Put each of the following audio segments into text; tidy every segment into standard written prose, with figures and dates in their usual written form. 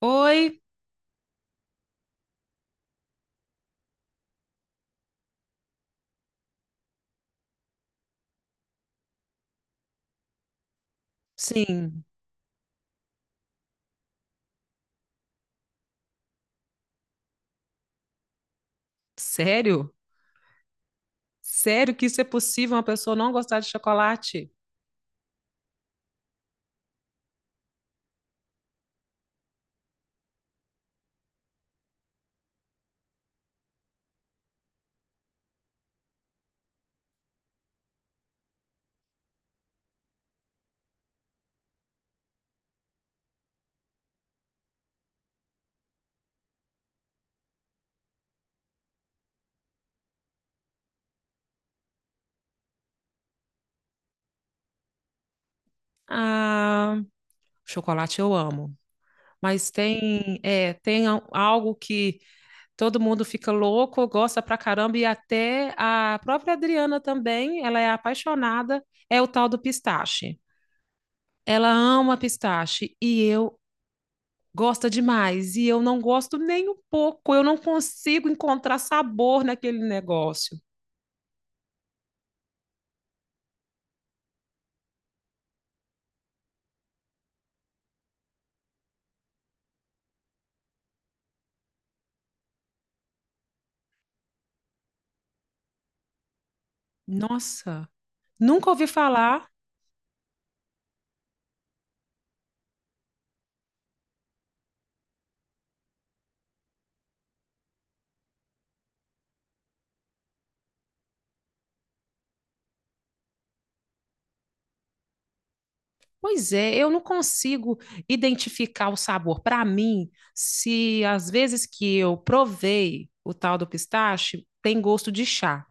Oi? Sim. Sério? Sério que isso é possível, uma pessoa não gostar de chocolate? Ah, chocolate eu amo. Mas tem, tem algo que todo mundo fica louco, gosta pra caramba, e até a própria Adriana também, ela é apaixonada, é o tal do pistache. Ela ama pistache e eu gosto demais, e eu não gosto nem um pouco, eu não consigo encontrar sabor naquele negócio. Nossa. Nunca ouvi falar. Pois é, eu não consigo identificar o sabor. Para mim, se às vezes que eu provei o tal do pistache, tem gosto de chá.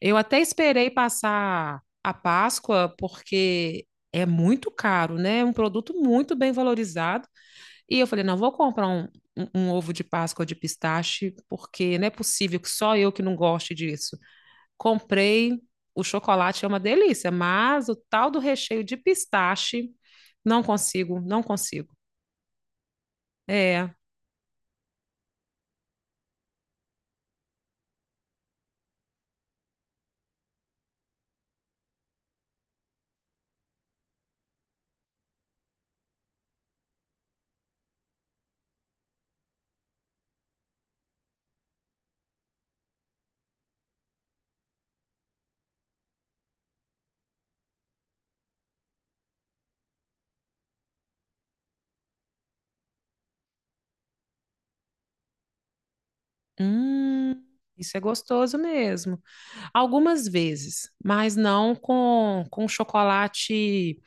Eu até esperei passar a Páscoa, porque é muito caro, né? É um produto muito bem valorizado. E eu falei, não, vou comprar um ovo de Páscoa de pistache, porque não é possível que só eu que não goste disso. Comprei, o chocolate é uma delícia, mas o tal do recheio de pistache, não consigo, não consigo. É, hum, isso é gostoso mesmo. Algumas vezes, mas não com, com chocolate,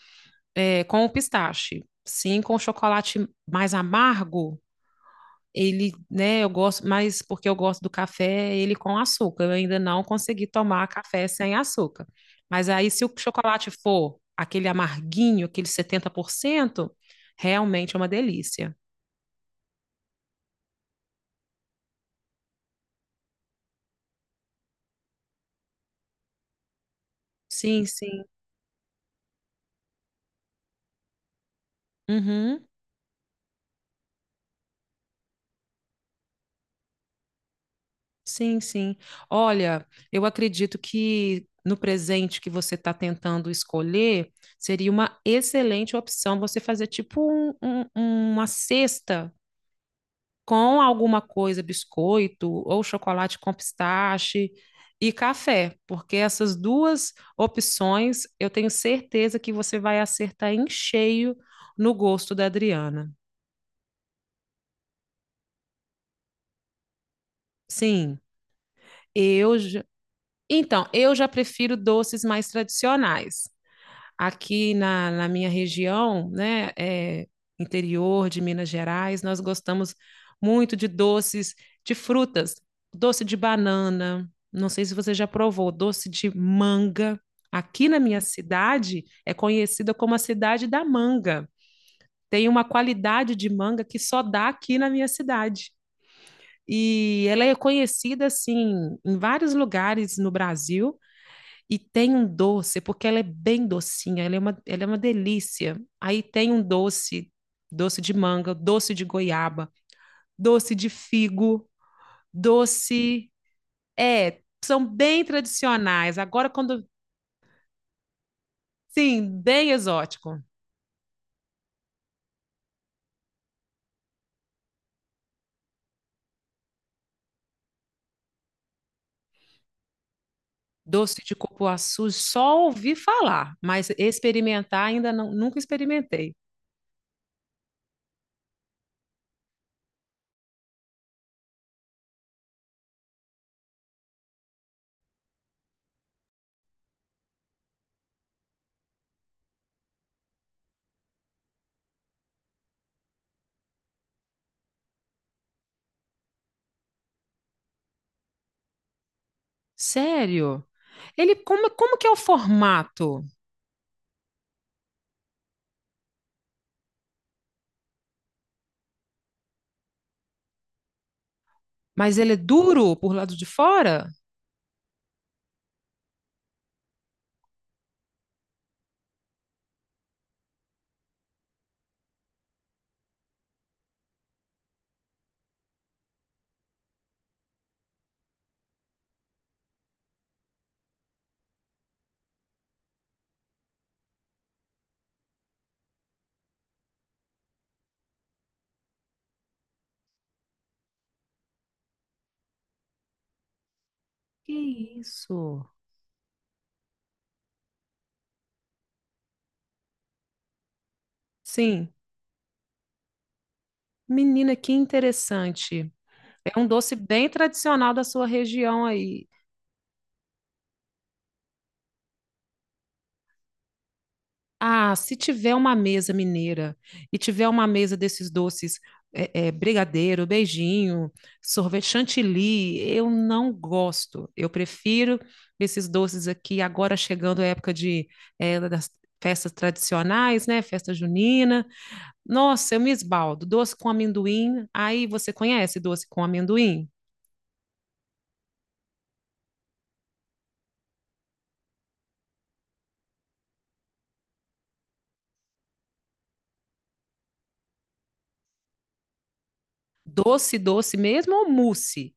é, com o pistache. Sim, com chocolate mais amargo, ele, né, eu gosto mais porque eu gosto do café, ele com açúcar. Eu ainda não consegui tomar café sem açúcar. Mas aí, se o chocolate for aquele amarguinho, aquele 70% realmente é uma delícia. Sim, sim. Uhum. Sim, sim. Olha, eu acredito que no presente que você está tentando escolher, seria uma excelente opção você fazer tipo uma cesta com alguma coisa, biscoito ou chocolate com pistache e café, porque essas duas opções eu tenho certeza que você vai acertar em cheio no gosto da Adriana. Sim, eu já... Então, eu já prefiro doces mais tradicionais. Aqui na minha região, né, é, interior de Minas Gerais, nós gostamos muito de doces de frutas, doce de banana. Não sei se você já provou, doce de manga. Aqui na minha cidade é conhecida como a cidade da manga. Tem uma qualidade de manga que só dá aqui na minha cidade. E ela é conhecida assim em vários lugares no Brasil, e tem um doce, porque ela é bem docinha, ela é uma delícia. Aí tem um doce, doce de manga, doce de goiaba, doce de figo, doce. É, são bem tradicionais. Agora, quando. Sim, bem exótico. Doce de cupuaçu, só ouvi falar, mas experimentar ainda não, nunca experimentei. Sério? Ele como, como que é o formato? Mas ele é duro por lado de fora? Que isso? Sim. Menina, que interessante. É um doce bem tradicional da sua região aí. Ah, se tiver uma mesa mineira e tiver uma mesa desses doces, brigadeiro, beijinho, sorvete chantilly, eu não gosto. Eu prefiro esses doces aqui, agora chegando a época de, é, das festas tradicionais, né? Festa junina. Nossa, eu me esbaldo. Doce com amendoim. Aí você conhece doce com amendoim? Doce mesmo ou mousse?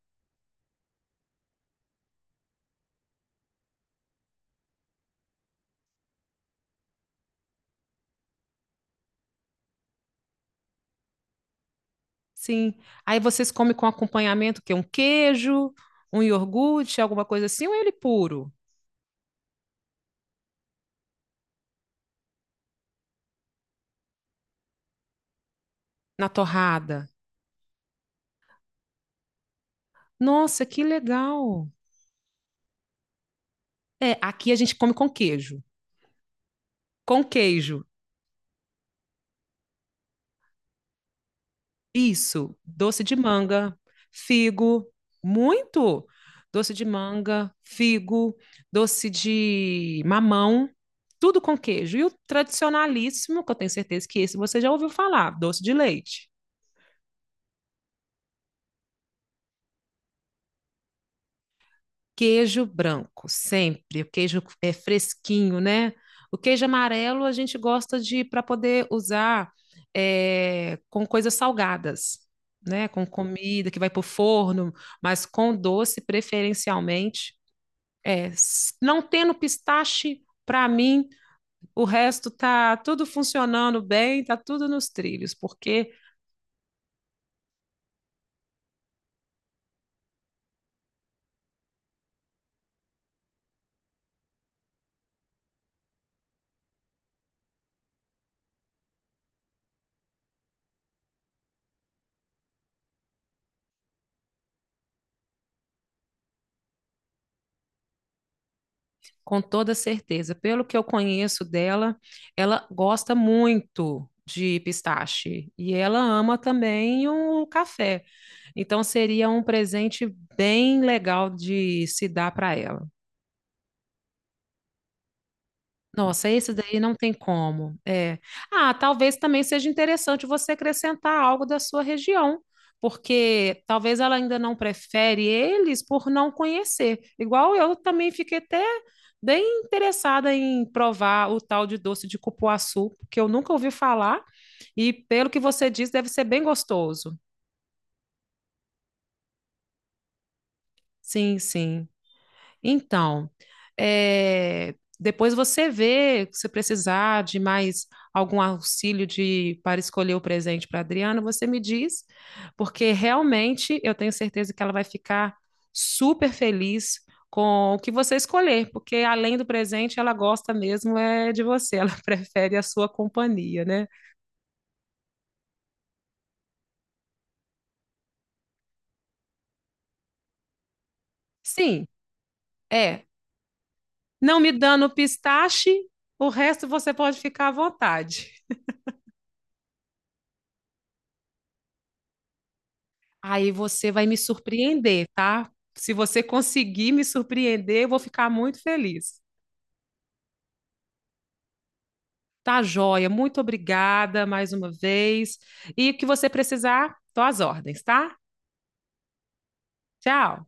Sim. Aí vocês comem com acompanhamento, que é um queijo, um iogurte, alguma coisa assim, ou é ele puro, na torrada? Nossa, que legal! É, aqui a gente come com queijo. Com queijo, isso, doce de manga, figo, muito! Doce de manga, figo, doce de mamão, tudo com queijo. E o tradicionalíssimo, que eu tenho certeza que esse você já ouviu falar, doce de leite. Queijo branco, sempre. O queijo é fresquinho, né? O queijo amarelo a gente gosta de para poder usar é, com coisas salgadas, né? Com comida que vai para o forno, mas com doce preferencialmente. É, não tendo pistache, para mim, o resto tá tudo funcionando bem, tá tudo nos trilhos, porque com toda certeza. Pelo que eu conheço dela, ela gosta muito de pistache e ela ama também o café. Então seria um presente bem legal de se dar para ela. Nossa, esse daí não tem como. É. Ah, talvez também seja interessante você acrescentar algo da sua região, porque talvez ela ainda não prefere eles por não conhecer. Igual eu também fiquei até bem interessada em provar o tal de doce de cupuaçu, que eu nunca ouvi falar, e pelo que você diz, deve ser bem gostoso. Sim, sim. Então, é, depois você vê se precisar de mais algum auxílio de para escolher o presente para a Adriana, você me diz, porque realmente eu tenho certeza que ela vai ficar super feliz com o que você escolher, porque além do presente, ela gosta mesmo é de você, ela prefere a sua companhia, né? Sim, é. Não me dando pistache, o resto você pode ficar à vontade. Aí você vai me surpreender, tá? Se você conseguir me surpreender, eu vou ficar muito feliz. Tá, joia? Muito obrigada mais uma vez. E o que você precisar, tô às ordens, tá? Tchau.